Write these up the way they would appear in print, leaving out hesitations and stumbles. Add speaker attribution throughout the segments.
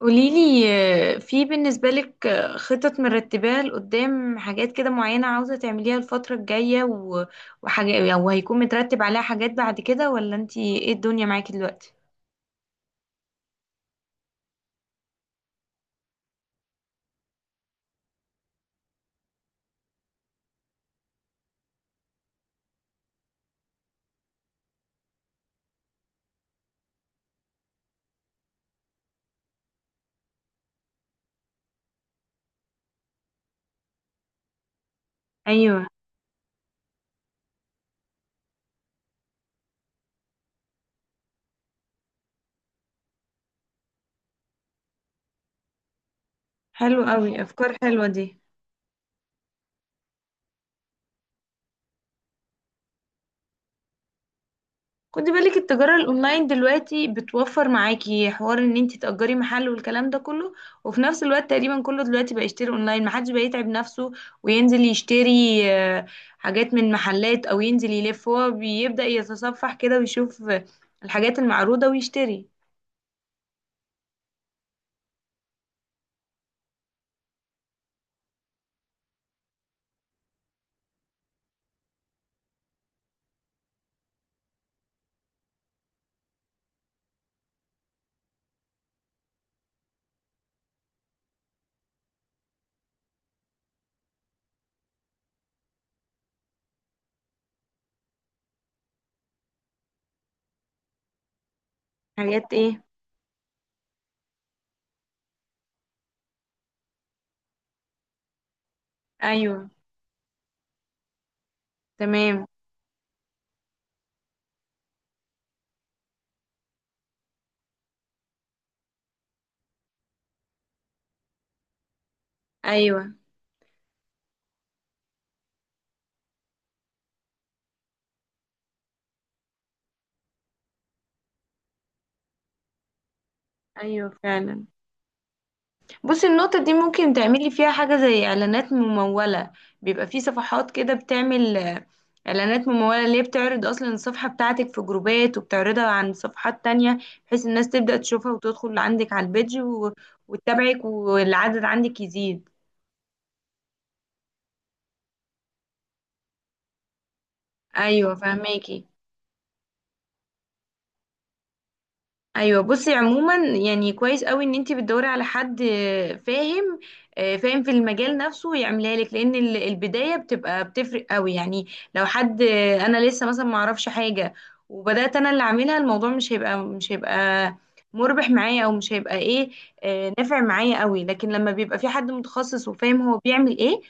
Speaker 1: قوليلي، في بالنسبة لك، خطط مرتباها لقدام، حاجات كده معينة عاوزة تعمليها الفترة الجاية وحاجة وهيكون مترتب عليها حاجات بعد كده، ولا انتي ايه الدنيا معاكي دلوقتي؟ ايوه، حلو قوي، افكار حلوة دي. خدي بالك التجارة الأونلاين دلوقتي بتوفر معاكي حوار إن انتي تأجري محل والكلام ده كله، وفي نفس الوقت تقريبا كله دلوقتي بقى يشتري أونلاين، محدش بقى يتعب نفسه وينزل يشتري آه، حاجات من محلات أو ينزل يلف. هو بيبدأ يتصفح كده ويشوف الحاجات المعروضة ويشتري. حاجات إيه؟ أيوه. تمام. أيوه. أيوه فعلا. بصي، النقطة دي ممكن تعملي فيها حاجة زي إعلانات ممولة. بيبقى في صفحات كده بتعمل إعلانات ممولة، اللي هي بتعرض أصلا الصفحة بتاعتك في جروبات، وبتعرضها عن صفحات تانية، بحيث الناس تبدأ تشوفها وتدخل عندك على البيج وتتابعك والعدد عندك يزيد. أيوة، فهماكي. ايوه بصي، عموما يعني كويس قوي ان انت بتدوري على حد فاهم فاهم في المجال نفسه ويعملها لك، لان البدايه بتبقى بتفرق قوي يعني. لو حد انا لسه مثلا ما اعرفش حاجه، وبدات انا اللي اعملها، الموضوع مش هيبقى مربح معايا، او مش هيبقى ايه، نافع معايا قوي. لكن لما بيبقى في حد متخصص وفاهم هو بيعمل ايه،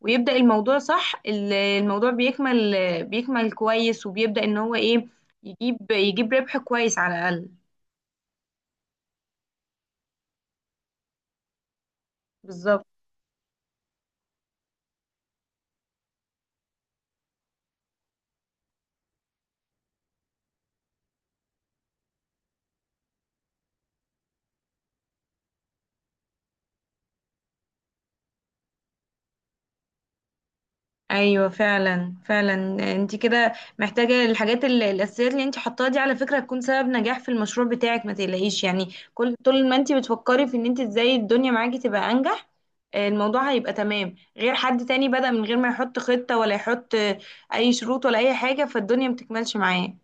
Speaker 1: ويبدا الموضوع صح، الموضوع بيكمل كويس، وبيبدا ان هو ايه، يجيب ربح كويس على الاقل. بالظبط. ايوه فعلا. انت كده محتاجه الحاجات الاساسيات اللي انت حطاها دي، على فكره هتكون سبب نجاح في المشروع بتاعك، ما تقلقيش يعني. كل طول ما انت بتفكري في ان انت ازاي الدنيا معاكي تبقى انجح، الموضوع هيبقى تمام، غير حد تاني بدأ من غير ما يحط خطه ولا يحط اي شروط ولا اي حاجه، فالدنيا ما بتكملش معاه.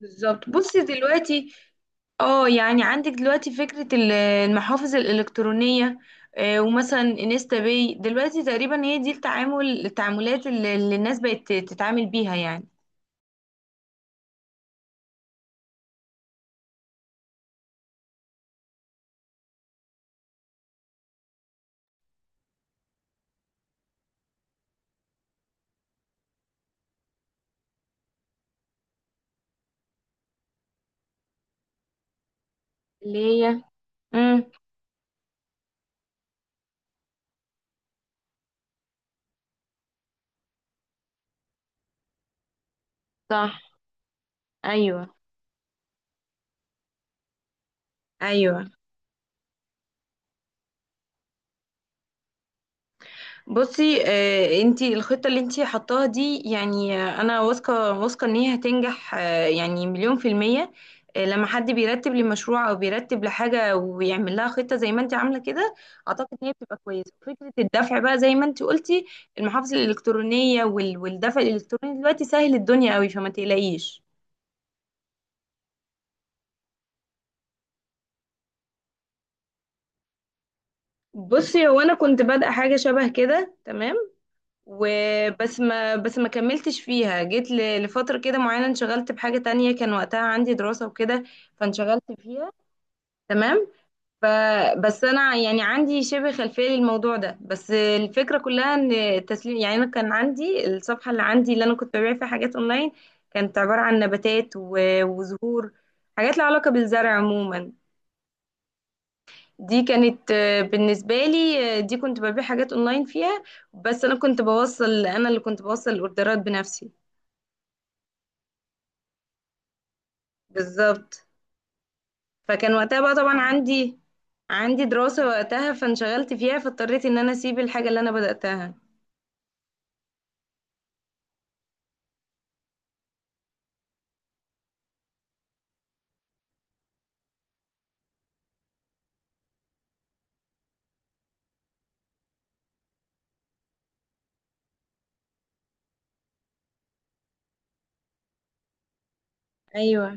Speaker 1: بالظبط. بصي دلوقتي، اه يعني عندك دلوقتي فكرة المحافظ الإلكترونية، ومثلا انستا باي، دلوقتي تقريبا هي دي التعامل، التعاملات اللي الناس بقت تتعامل بيها يعني. اللي هي، امم صح. ايوه. ايوه بصي، انتي الخطة اللي انتي حطاها دي يعني، انا واثقة ان هي هتنجح، يعني مليون في المية. لما حد بيرتب لمشروع او بيرتب لحاجة ويعمل لها خطة زي ما انتي عاملة كده، اعتقد ان هي بتبقى كويسة. فكرة الدفع بقى زي ما انتي قلتي، المحافظ الالكترونية والدفع الالكتروني دلوقتي سهل الدنيا قوي، فما تقلقيش. بصي، هو انا كنت بادئة حاجة شبه كده تمام، وبس ما بس ما كملتش فيها، جيت لفترة كده معينة انشغلت بحاجة تانية، كان وقتها عندي دراسة وكده فانشغلت فيها. تمام. فبس انا يعني عندي شبه خلفية للموضوع ده، بس الفكرة كلها ان التسليم يعني، انا كان عندي الصفحة اللي عندي، اللي انا كنت ببيع فيها حاجات اونلاين، كانت عبارة عن نباتات وزهور، حاجات لها علاقة بالزرع عموما. دي كانت بالنسبة لي، دي كنت ببيع حاجات اونلاين فيها. بس انا كنت بوصل، انا اللي كنت بوصل الاوردرات بنفسي. بالظبط. فكان وقتها بقى طبعا عندي، عندي دراسة وقتها فانشغلت فيها، فاضطريت ان انا اسيب الحاجة اللي انا بدأتها. ايوه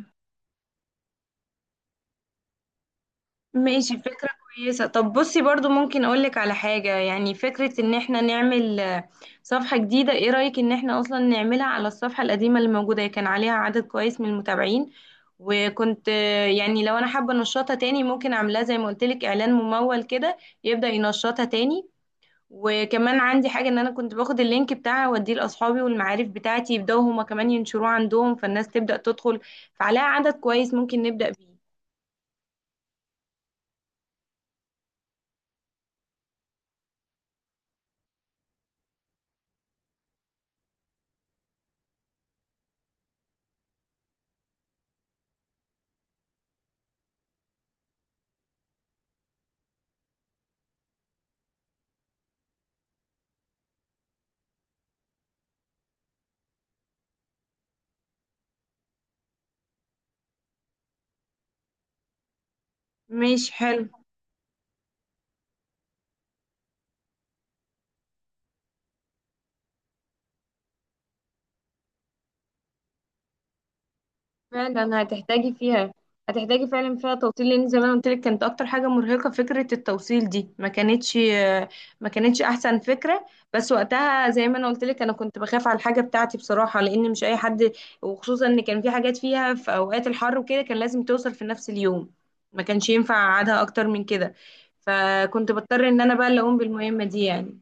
Speaker 1: ماشي، فكرة كويسة. طب بصي برضو ممكن اقولك على حاجة، يعني فكرة ان احنا نعمل صفحة جديدة، ايه رأيك ان احنا اصلا نعملها على الصفحة القديمة اللي موجودة، هي كان عليها عدد كويس من المتابعين، وكنت يعني لو انا حابة انشطها تاني، ممكن اعملها زي ما قلتلك اعلان ممول كده، يبدأ ينشطها تاني. وكمان عندي حاجة، ان انا كنت باخد اللينك بتاعها اوديه لاصحابي والمعارف بتاعتي، يبداوا هما كمان ينشروه عندهم، فالناس تبدأ تدخل، فعليها عدد كويس ممكن نبدأ بيه. مش حلو. فعلا هتحتاجي فيها، هتحتاجي فعلا فيها توصيل، لان زي ما أنا قلت لك كانت اكتر حاجه مرهقه، فكره التوصيل دي ما كانتش احسن فكره. بس وقتها زي ما انا قلت لك، انا كنت بخاف على الحاجه بتاعتي بصراحه، لان مش اي حد، وخصوصا ان كان في حاجات فيها في اوقات الحر وكده، كان لازم توصل في نفس اليوم، ما كانش ينفع اقعدها اكتر من كده، فكنت بضطر ان انا بقى اللي اقوم بالمهمه دي يعني.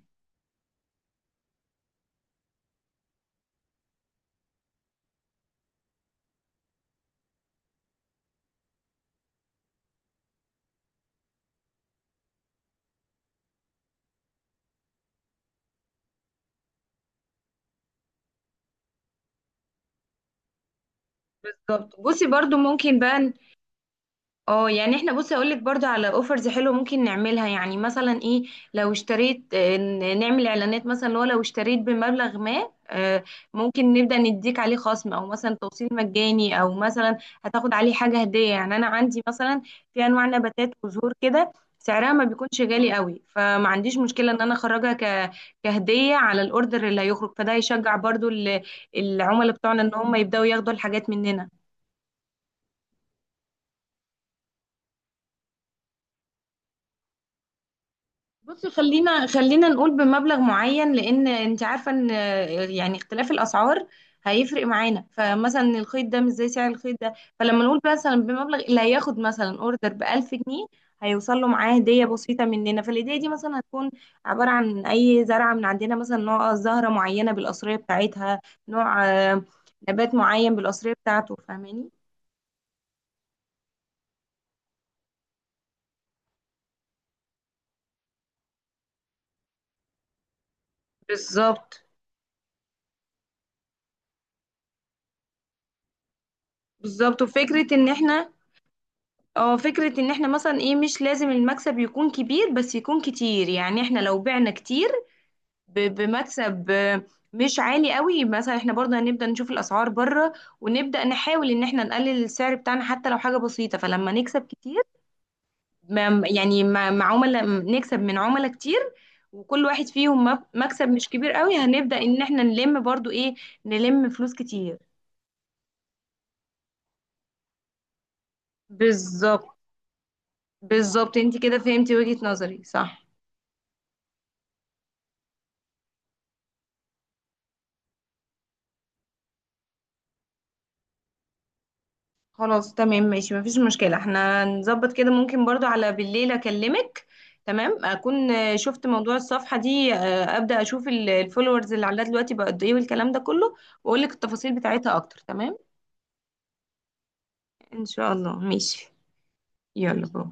Speaker 1: بالظبط. بصي برضو ممكن بقى، اه يعني احنا، بصي اقول لك برضو على اوفرز حلوه ممكن نعملها، يعني مثلا ايه، لو اشتريت نعمل اعلانات مثلا، اللي هو لو اشتريت بمبلغ ما ممكن نبدا نديك عليه خصم، او مثلا توصيل مجاني، او مثلا هتاخد عليه حاجه هديه. يعني انا عندي مثلا في انواع نباتات وزهور كده سعرها ما بيكونش غالي قوي، فما عنديش مشكله ان انا كهديه على الاوردر اللي هيخرج، فده هيشجع برضو العملاء بتوعنا ان هم يبداوا ياخدوا الحاجات مننا. بصي، خلينا نقول بمبلغ معين، لان انت عارفه ان يعني اختلاف الاسعار هيفرق معانا، فمثلا الخيط ده مش زي سعر الخيط ده، فلما نقول مثلا بمبلغ، اللي هياخد مثلا اوردر ب 1000 جنيه، هيوصل له معاه هديه بسيطه مننا. فالهديه دي مثلا هتكون عباره عن اي زرعه من عندنا، مثلا نوع زهره معينه بالقصريه بتاعتها، نوع نبات معين بالقصريه بتاعته، فاهماني؟ بالظبط. بالظبط. وفكرة ان احنا، اه، فكرة ان احنا مثلا ايه، مش لازم المكسب يكون كبير، بس يكون كتير. يعني احنا لو بعنا كتير بمكسب مش عالي قوي، مثلا احنا برضه هنبدأ نشوف الاسعار بره، ونبدأ نحاول ان احنا نقلل السعر بتاعنا حتى لو حاجة بسيطة، فلما نكسب كتير، يعني مع عملاء، نكسب من عملاء كتير، وكل واحد فيهم مكسب مش كبير قوي، هنبدأ ان احنا نلم برضه ايه، نلم فلوس كتير. بالظبط. بالظبط، انت كده فهمتي وجهة نظري صح. خلاص تمام، ماشي مفيش مشكلة، احنا نظبط كده. ممكن برضو على بالليل اكلمك، تمام، اكون شفت موضوع الصفحة دي، ابدأ اشوف الفولورز اللي عندها دلوقتي بقى قد ايه، والكلام ده كله، واقول لك التفاصيل بتاعتها اكتر، تمام. ان شاء الله ماشي، يلا باي.